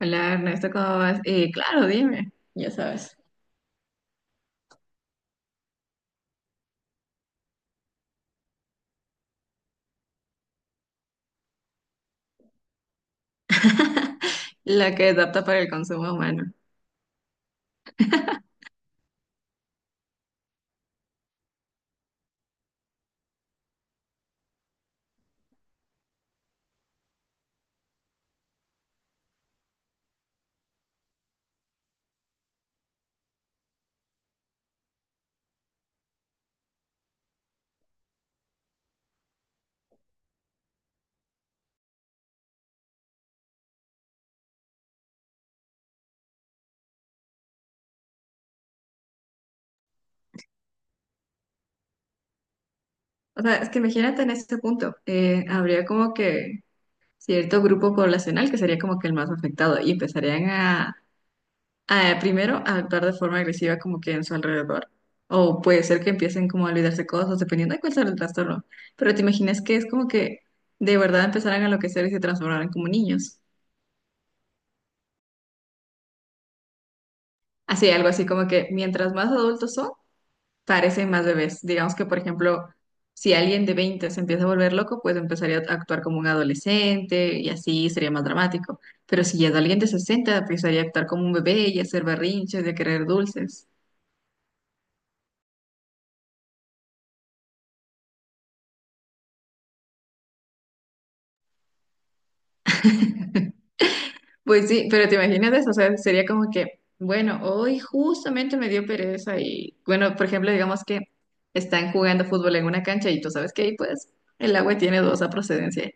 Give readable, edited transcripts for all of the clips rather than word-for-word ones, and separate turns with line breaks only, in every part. Hola Ernesto, ¿cómo vas? Claro, dime, ya sabes. La que es apta para el consumo humano. O sea, es que imagínate en ese punto, habría como que cierto grupo poblacional que sería como que el más afectado y empezarían primero a actuar de forma agresiva como que en su alrededor. O puede ser que empiecen como a olvidarse cosas, dependiendo de cuál sea el trastorno. Pero te imaginas que es como que de verdad empezaran a enloquecer y se transformaran como niños. Así, algo así como que mientras más adultos son, parecen más bebés. Digamos que, por ejemplo, si alguien de 20 se empieza a volver loco, pues empezaría a actuar como un adolescente y así sería más dramático. Pero si ya es alguien de 60, empezaría a actuar como un bebé y a hacer berrinches y a querer dulces. Pues sí, pero te imaginas eso, o sea, sería como que, bueno, hoy justamente me dio pereza y, bueno, por ejemplo, digamos que están jugando fútbol en una cancha y tú sabes que ahí, pues, el agua tiene dos procedencia.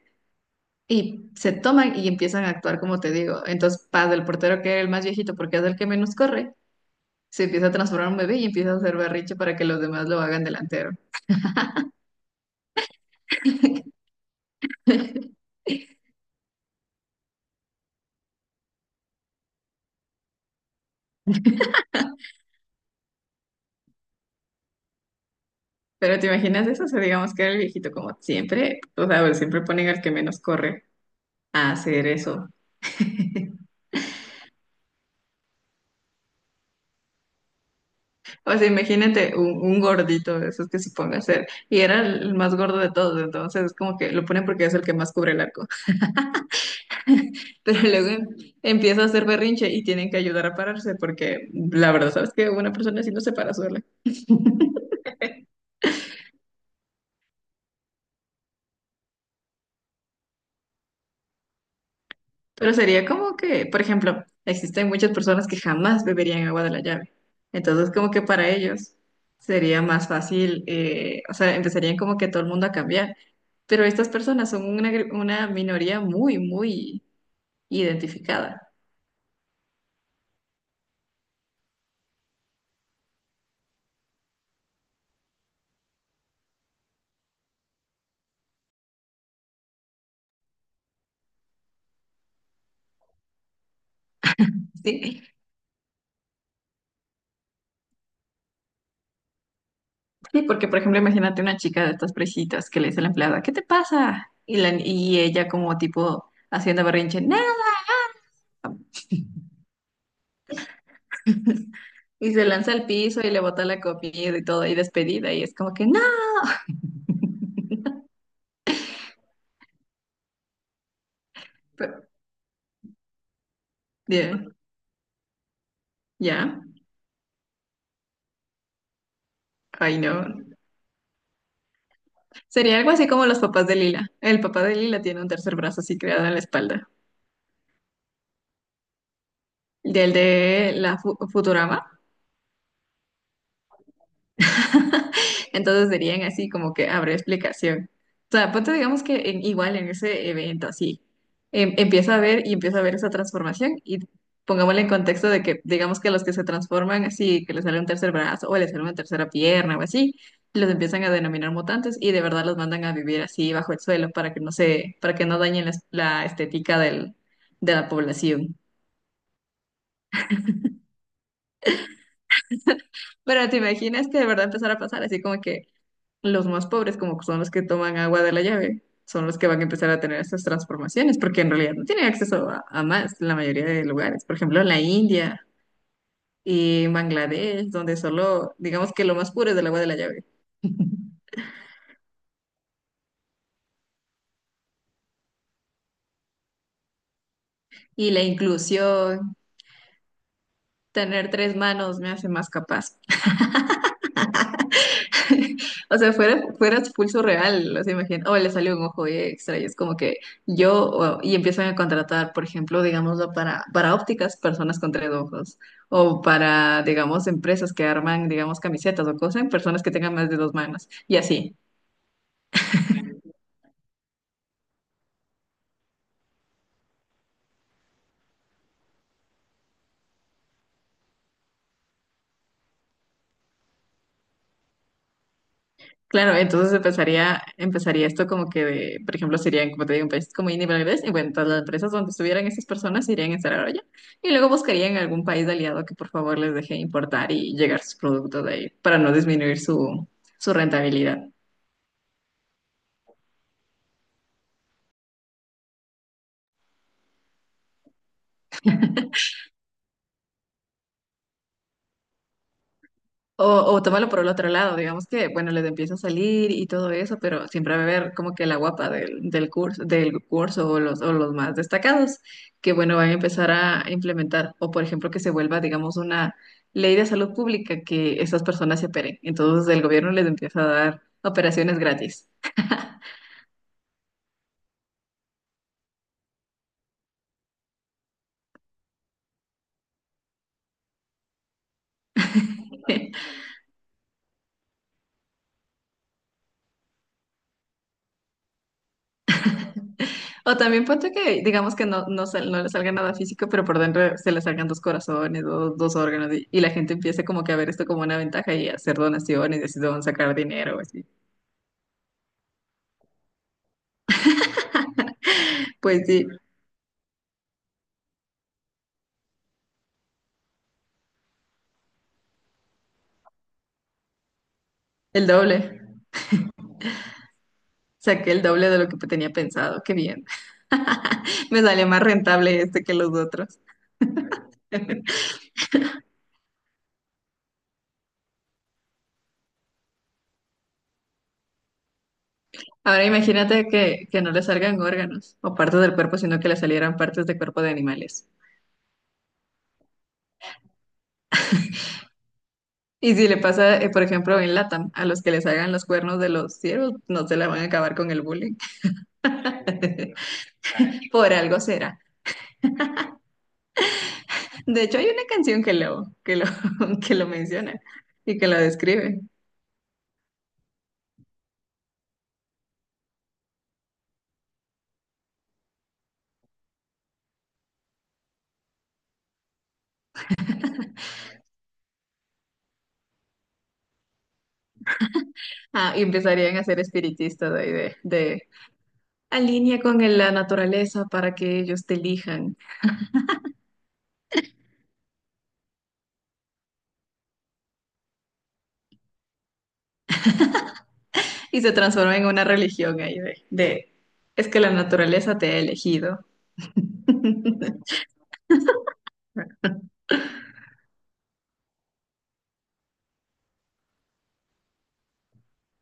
Y se toman y empiezan a actuar como te digo. Entonces, Paz, el portero que era el más viejito porque es el que menos corre, se empieza a transformar en un bebé y empieza a hacer berrinche para que los demás lo hagan delantero. Pero ¿te imaginas eso? O sea, digamos que era el viejito como siempre, o sea, pues, siempre ponen al que menos corre a hacer eso. O sea, imagínate un gordito de esos que se ponga a hacer. Y era el más gordo de todos, entonces es como que lo ponen porque es el que más cubre el arco. Pero luego empieza a hacer berrinche y tienen que ayudar a pararse porque la verdad, sabes que una persona así no se para sola. Pero sería como que, por ejemplo, existen muchas personas que jamás beberían agua de la llave. Entonces, como que para ellos sería más fácil, o sea, empezarían como que todo el mundo a cambiar. Pero estas personas son una minoría muy, muy identificada, ¿sí? Sí, porque por ejemplo, imagínate una chica de estas presitas que le dice a la empleada, ¿qué te pasa? Y ella como tipo haciendo berrinche, no, y se lanza al piso y le bota la comida y todo, y despedida, y es como que no, pero ya, ya, ay no. Sería algo así como los papás de Lila. El papá de Lila tiene un tercer brazo así creado en la espalda. Del de la Futurama. Entonces serían así como que habrá explicación. O sea, ponte digamos que igual en ese evento así, empieza a ver esa transformación y pongámosle en contexto de que digamos que los que se transforman así, que les sale un tercer brazo o les sale una tercera pierna o así, los empiezan a denominar mutantes y de verdad los mandan a vivir así bajo el suelo para que para que no dañen la estética de la población. Pero te imaginas que de verdad empezara a pasar así como que los más pobres, como que son los que toman agua de la llave, son los que van a empezar a tener estas transformaciones, porque en realidad no tienen acceso a más en la mayoría de lugares. Por ejemplo, en la India y en Bangladesh, donde solo, digamos que lo más puro es el agua de la llave. Y la inclusión, tener tres manos me hace más capaz. O sea, fuera expulso real, o sea, imagínate, o le salió un ojo extra y es como que y empiezan a contratar, por ejemplo, digámoslo, para, ópticas, personas con tres ojos, o para, digamos, empresas que arman, digamos, camisetas o cosas, personas que tengan más de dos manos, y así. Claro, entonces empezaría esto como que de, por ejemplo, serían, como te digo, un país como India y Bangladesh, y bueno, todas las empresas donde estuvieran esas personas se irían a instalar allá, y luego buscarían algún país aliado que por favor les deje importar y llegar sus productos de ahí para no disminuir su rentabilidad. O, o tómalo por el otro lado, digamos que, bueno, les empieza a salir y todo eso, pero siempre va a haber como que la guapa del curso o los más destacados, que bueno, van a empezar a implementar, o por ejemplo, que se vuelva, digamos, una ley de salud pública que esas personas se operen. Entonces el gobierno les empieza a dar operaciones gratis. O también ponte que, digamos que no, no, no le salga nada físico, pero por dentro se le salgan dos corazones, dos órganos, y la gente empiece como que a ver esto como una ventaja y a hacer donaciones, y así se van a sacar dinero, así. Pues sí, el doble. Saqué el doble de lo que tenía pensado, qué bien. Me sale más rentable este que los otros. Ahora imagínate que no le salgan órganos o partes del cuerpo, sino que le salieran partes de cuerpo de animales. Y si le pasa, por ejemplo, en LATAM, a los que les hagan los cuernos de los ciervos, no se la van a acabar con el bullying. Por algo será. De hecho, hay una canción que lo menciona y que lo describe. Ah, y empezarían a ser espiritistas de alinea con la naturaleza para que ellos te elijan. Y se transforma en una religión ahí de es que la naturaleza te ha elegido.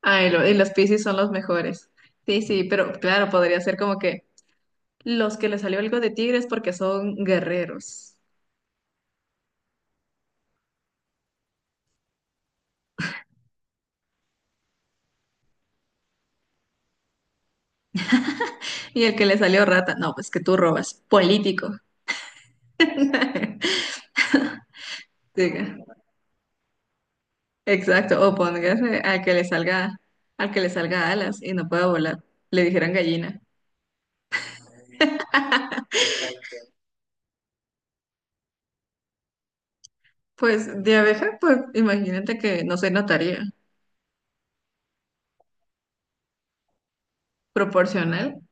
Ah, y los Piscis son los mejores. Sí, sí, pero claro, podría ser como que los que le salió algo de tigres porque son guerreros. Y el que le salió rata, no, pues que tú robas, político. Sí, exacto. O póngase al que le salga, al que le salga alas y no pueda volar. Le dijeran gallina. Pues de abeja, pues imagínate que no se notaría. Proporcional.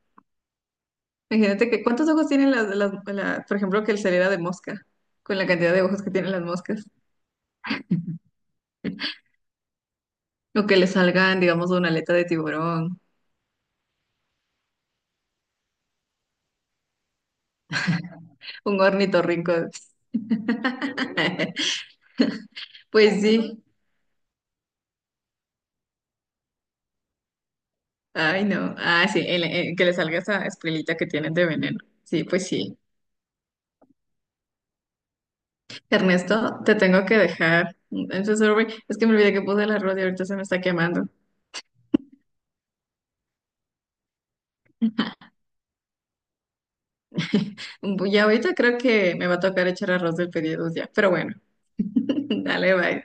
Imagínate que cuántos ojos tienen por ejemplo, que le saliera de mosca, con la cantidad de ojos que tienen las moscas. O que le salgan, digamos, una aleta de tiburón, un ornitorrinco. Pues sí. Ay, no. Ah, sí, el que le salga esa escuelita que tienen de veneno. Sí, pues sí. Ernesto, te tengo que dejar. Entonces, sorry, es que me olvidé que puse el arroz y ahorita se me está quemando. Ya ahorita creo que me va a tocar echar arroz del pedido ya. Pero bueno, dale, bye.